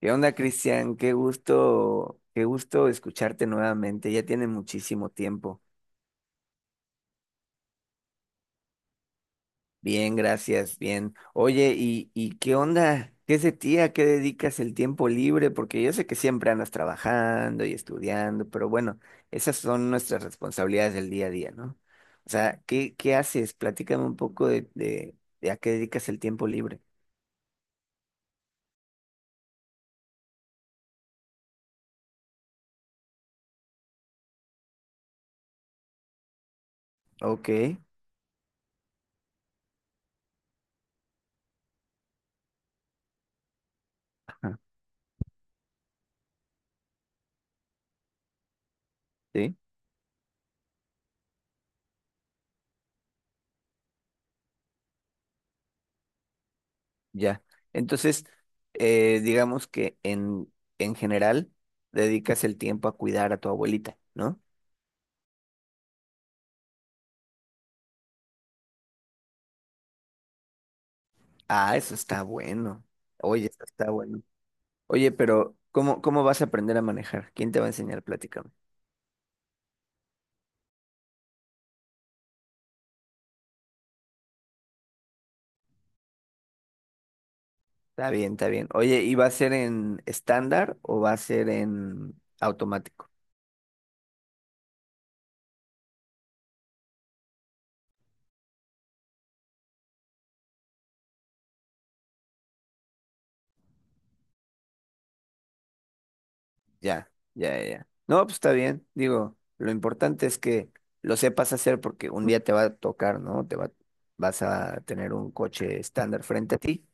¿Qué onda, Cristian? Qué gusto escucharte nuevamente. Ya tiene muchísimo tiempo. Bien, gracias, bien. Oye, ¿y qué onda? ¿Qué es de ti? ¿A qué dedicas el tiempo libre? Porque yo sé que siempre andas trabajando y estudiando, pero bueno, esas son nuestras responsabilidades del día a día, ¿no? O sea, ¿qué haces? Platícame un poco de a qué dedicas el tiempo libre. Ok. Ah, sí. Ya. Entonces, digamos que en general dedicas el tiempo a cuidar a tu abuelita, ¿no? Ah, eso está bueno. Oye, eso está bueno. Oye, pero ¿cómo vas a aprender a manejar? ¿Quién te va a enseñar? Platícame. Está bien, está bien. Oye, ¿y va a ser en estándar o va a ser en automático? Ya, ya, ya, ya. No, pues está bien. Digo, lo importante es que lo sepas hacer porque un día te va a tocar, ¿no? Vas a tener un coche estándar frente a ti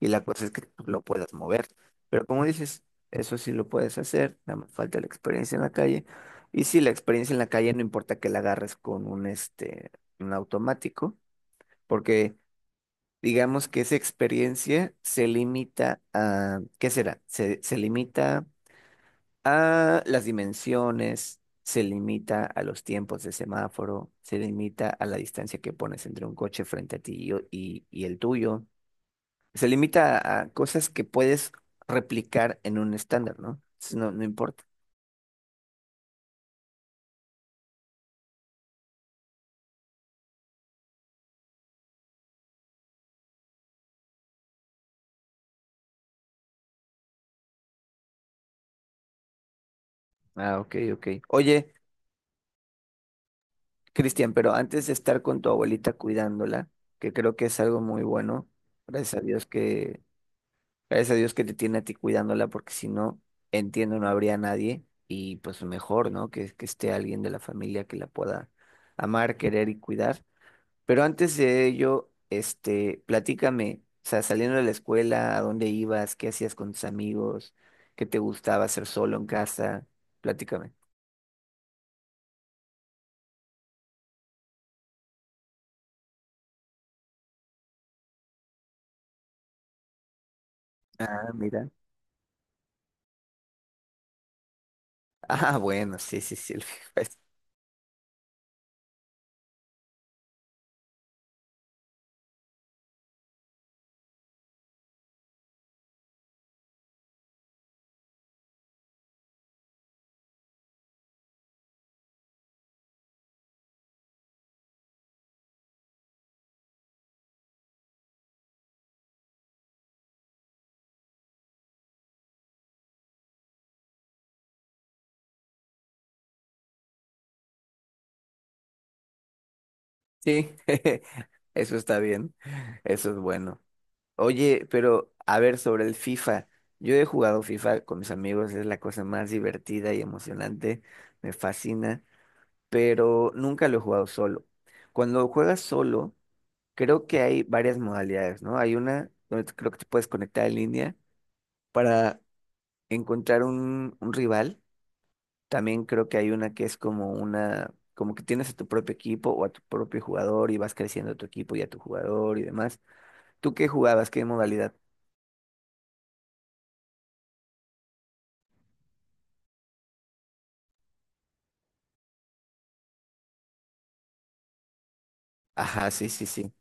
y la cosa es que tú lo puedas mover. Pero como dices, eso sí lo puedes hacer, nada más falta la experiencia en la calle. Y sí, la experiencia en la calle no importa que la agarres con un, este, un automático, porque digamos que esa experiencia se limita a, ¿qué será? Se limita a las dimensiones, se limita a los tiempos de semáforo, se limita a la distancia que pones entre un coche frente a ti y el tuyo, se limita a cosas que puedes replicar en un estándar, ¿no? Entonces, no, no importa. Ah, ok, ok. Oye, Cristian, pero antes de estar con tu abuelita cuidándola, que creo que es algo muy bueno, gracias a Dios gracias a Dios que te tiene a ti cuidándola, porque si no, entiendo, no habría nadie. Y pues mejor, ¿no? Que esté alguien de la familia que la pueda amar, querer y cuidar. Pero antes de ello, este, platícame, o sea, saliendo de la escuela, ¿a dónde ibas? ¿Qué hacías con tus amigos? ¿Qué te gustaba hacer solo en casa? Platícame. Ah, mira. Ah, bueno, sí, sí, sí. El FIFA es- Sí. Eso está bien. Eso es bueno. Oye, pero a ver, sobre el FIFA. Yo he jugado FIFA con mis amigos, es la cosa más divertida y emocionante, me fascina, pero nunca lo he jugado solo. Cuando juegas solo, creo que hay varias modalidades, ¿no? Hay una donde creo que te puedes conectar en línea para encontrar un rival. También creo que hay una que es como una, como que tienes a tu propio equipo o a tu propio jugador y vas creciendo a tu equipo y a tu jugador y demás. ¿Tú qué jugabas? ¿Qué modalidad? Ajá, sí, sí, sí.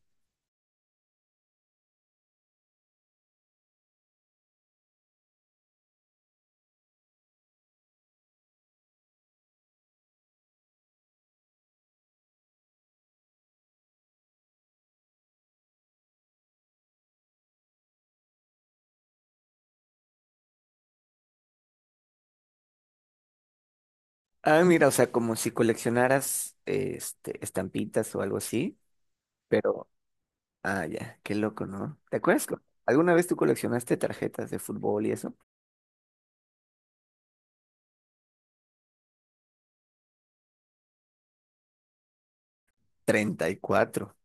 Ah, mira, o sea, como si coleccionaras este, estampitas o algo así, pero, ah, ya, qué loco, ¿no? ¿Te acuerdas? Cu- ¿alguna vez tú coleccionaste tarjetas de fútbol y eso? 34.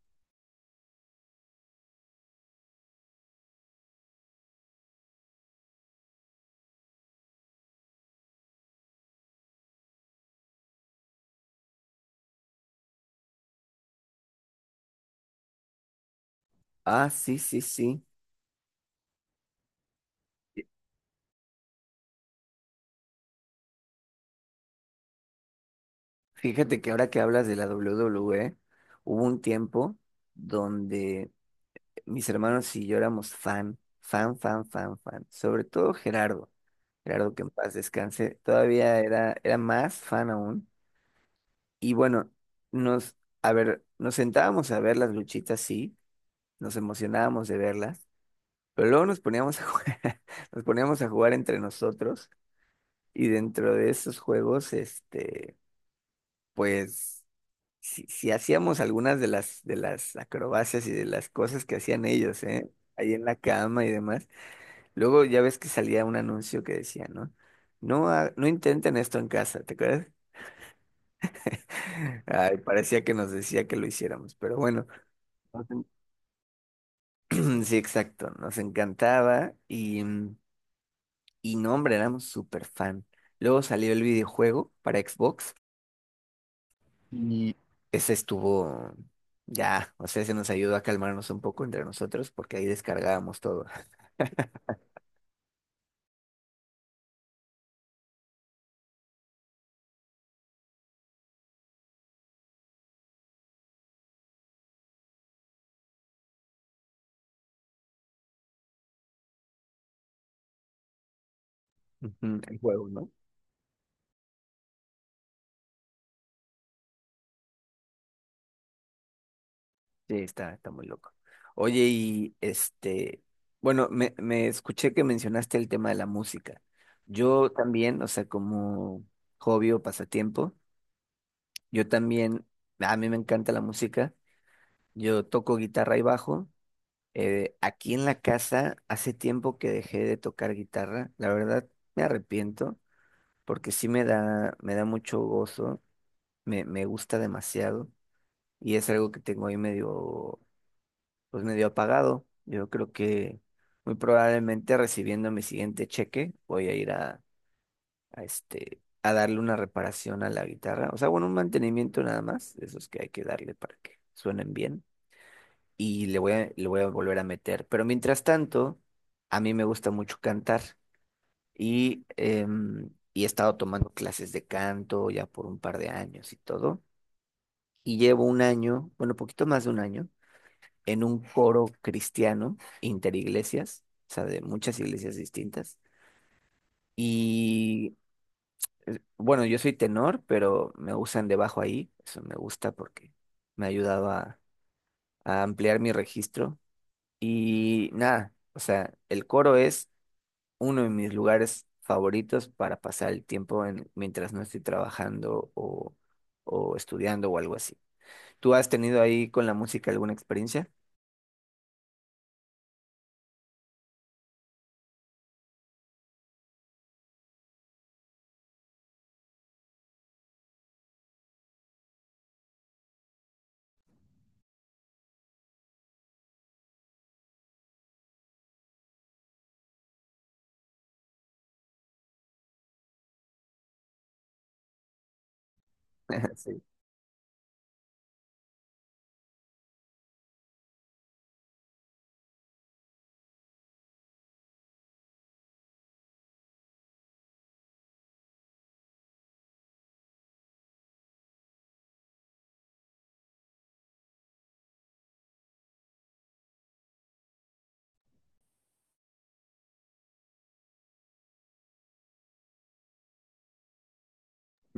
Ah, sí, sí, sí. Fíjate que ahora que hablas de la WWE, hubo un tiempo donde mis hermanos y yo éramos fan, fan, fan, fan, fan. Sobre todo Gerardo. Gerardo, que en paz descanse, todavía era, era más fan aún. Y bueno, nos, a ver, nos sentábamos a ver las luchitas, sí, nos emocionábamos de verlas, pero luego nos poníamos a jugar, nos poníamos a jugar entre nosotros y dentro de esos juegos, este, pues, si, si hacíamos algunas de las acrobacias y de las cosas que hacían ellos, ¿eh? Ahí en la cama y demás. Luego ya ves que salía un anuncio que decía, ¿no? No, ha- no intenten esto en casa, ¿te acuerdas? Ay, parecía que nos decía que lo hiciéramos, pero bueno. Sí, exacto, nos encantaba y, y no, hombre, éramos súper fan. Luego salió el videojuego para Xbox y ese estuvo ya, o sea, se nos ayudó a calmarnos un poco entre nosotros porque ahí descargábamos todo. Ujú. El juego, ¿no? Sí, está, está muy loco. Oye, y este, bueno, me escuché que mencionaste el tema de la música. Yo también, o sea, como hobby o pasatiempo, yo también, a mí me encanta la música. Yo toco guitarra y bajo. Aquí en la casa hace tiempo que dejé de tocar guitarra. La verdad me arrepiento porque sí me da mucho gozo, me gusta demasiado y es algo que tengo ahí medio, pues medio apagado. Yo creo que muy probablemente recibiendo mi siguiente cheque voy a ir a este, a darle una reparación a la guitarra. O sea, bueno, un mantenimiento nada más, de esos que hay que darle para que suenen bien. Y le voy a volver a meter. Pero mientras tanto, a mí me gusta mucho cantar y, y he estado tomando clases de canto ya por un par de años y todo. Y llevo un año, bueno, poquito más de un año, en un coro cristiano interiglesias, o sea, de muchas iglesias distintas. Y bueno, yo soy tenor, pero me usan de bajo ahí, eso me gusta porque me ha ayudado a ampliar mi registro. Y nada, o sea, el coro es uno de mis lugares favoritos para pasar el tiempo en- mientras no estoy trabajando o estudiando o algo así. ¿Tú has tenido ahí con la música alguna experiencia? Sí.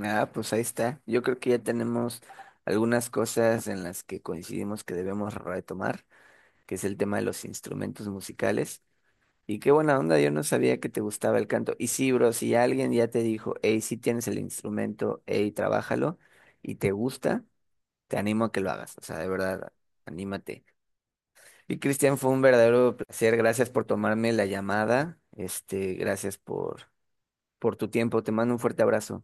Ah, pues ahí está. Yo creo que ya tenemos algunas cosas en las que coincidimos que debemos retomar, que es el tema de los instrumentos musicales. Y qué buena onda, yo no sabía que te gustaba el canto. Y sí, bro, si alguien ya te dijo, hey, sí tienes el instrumento, hey, trabájalo, y te gusta, te animo a que lo hagas. O sea, de verdad, anímate. Y Cristian, fue un verdadero placer. Gracias por tomarme la llamada. Este, gracias por tu tiempo. Te mando un fuerte abrazo.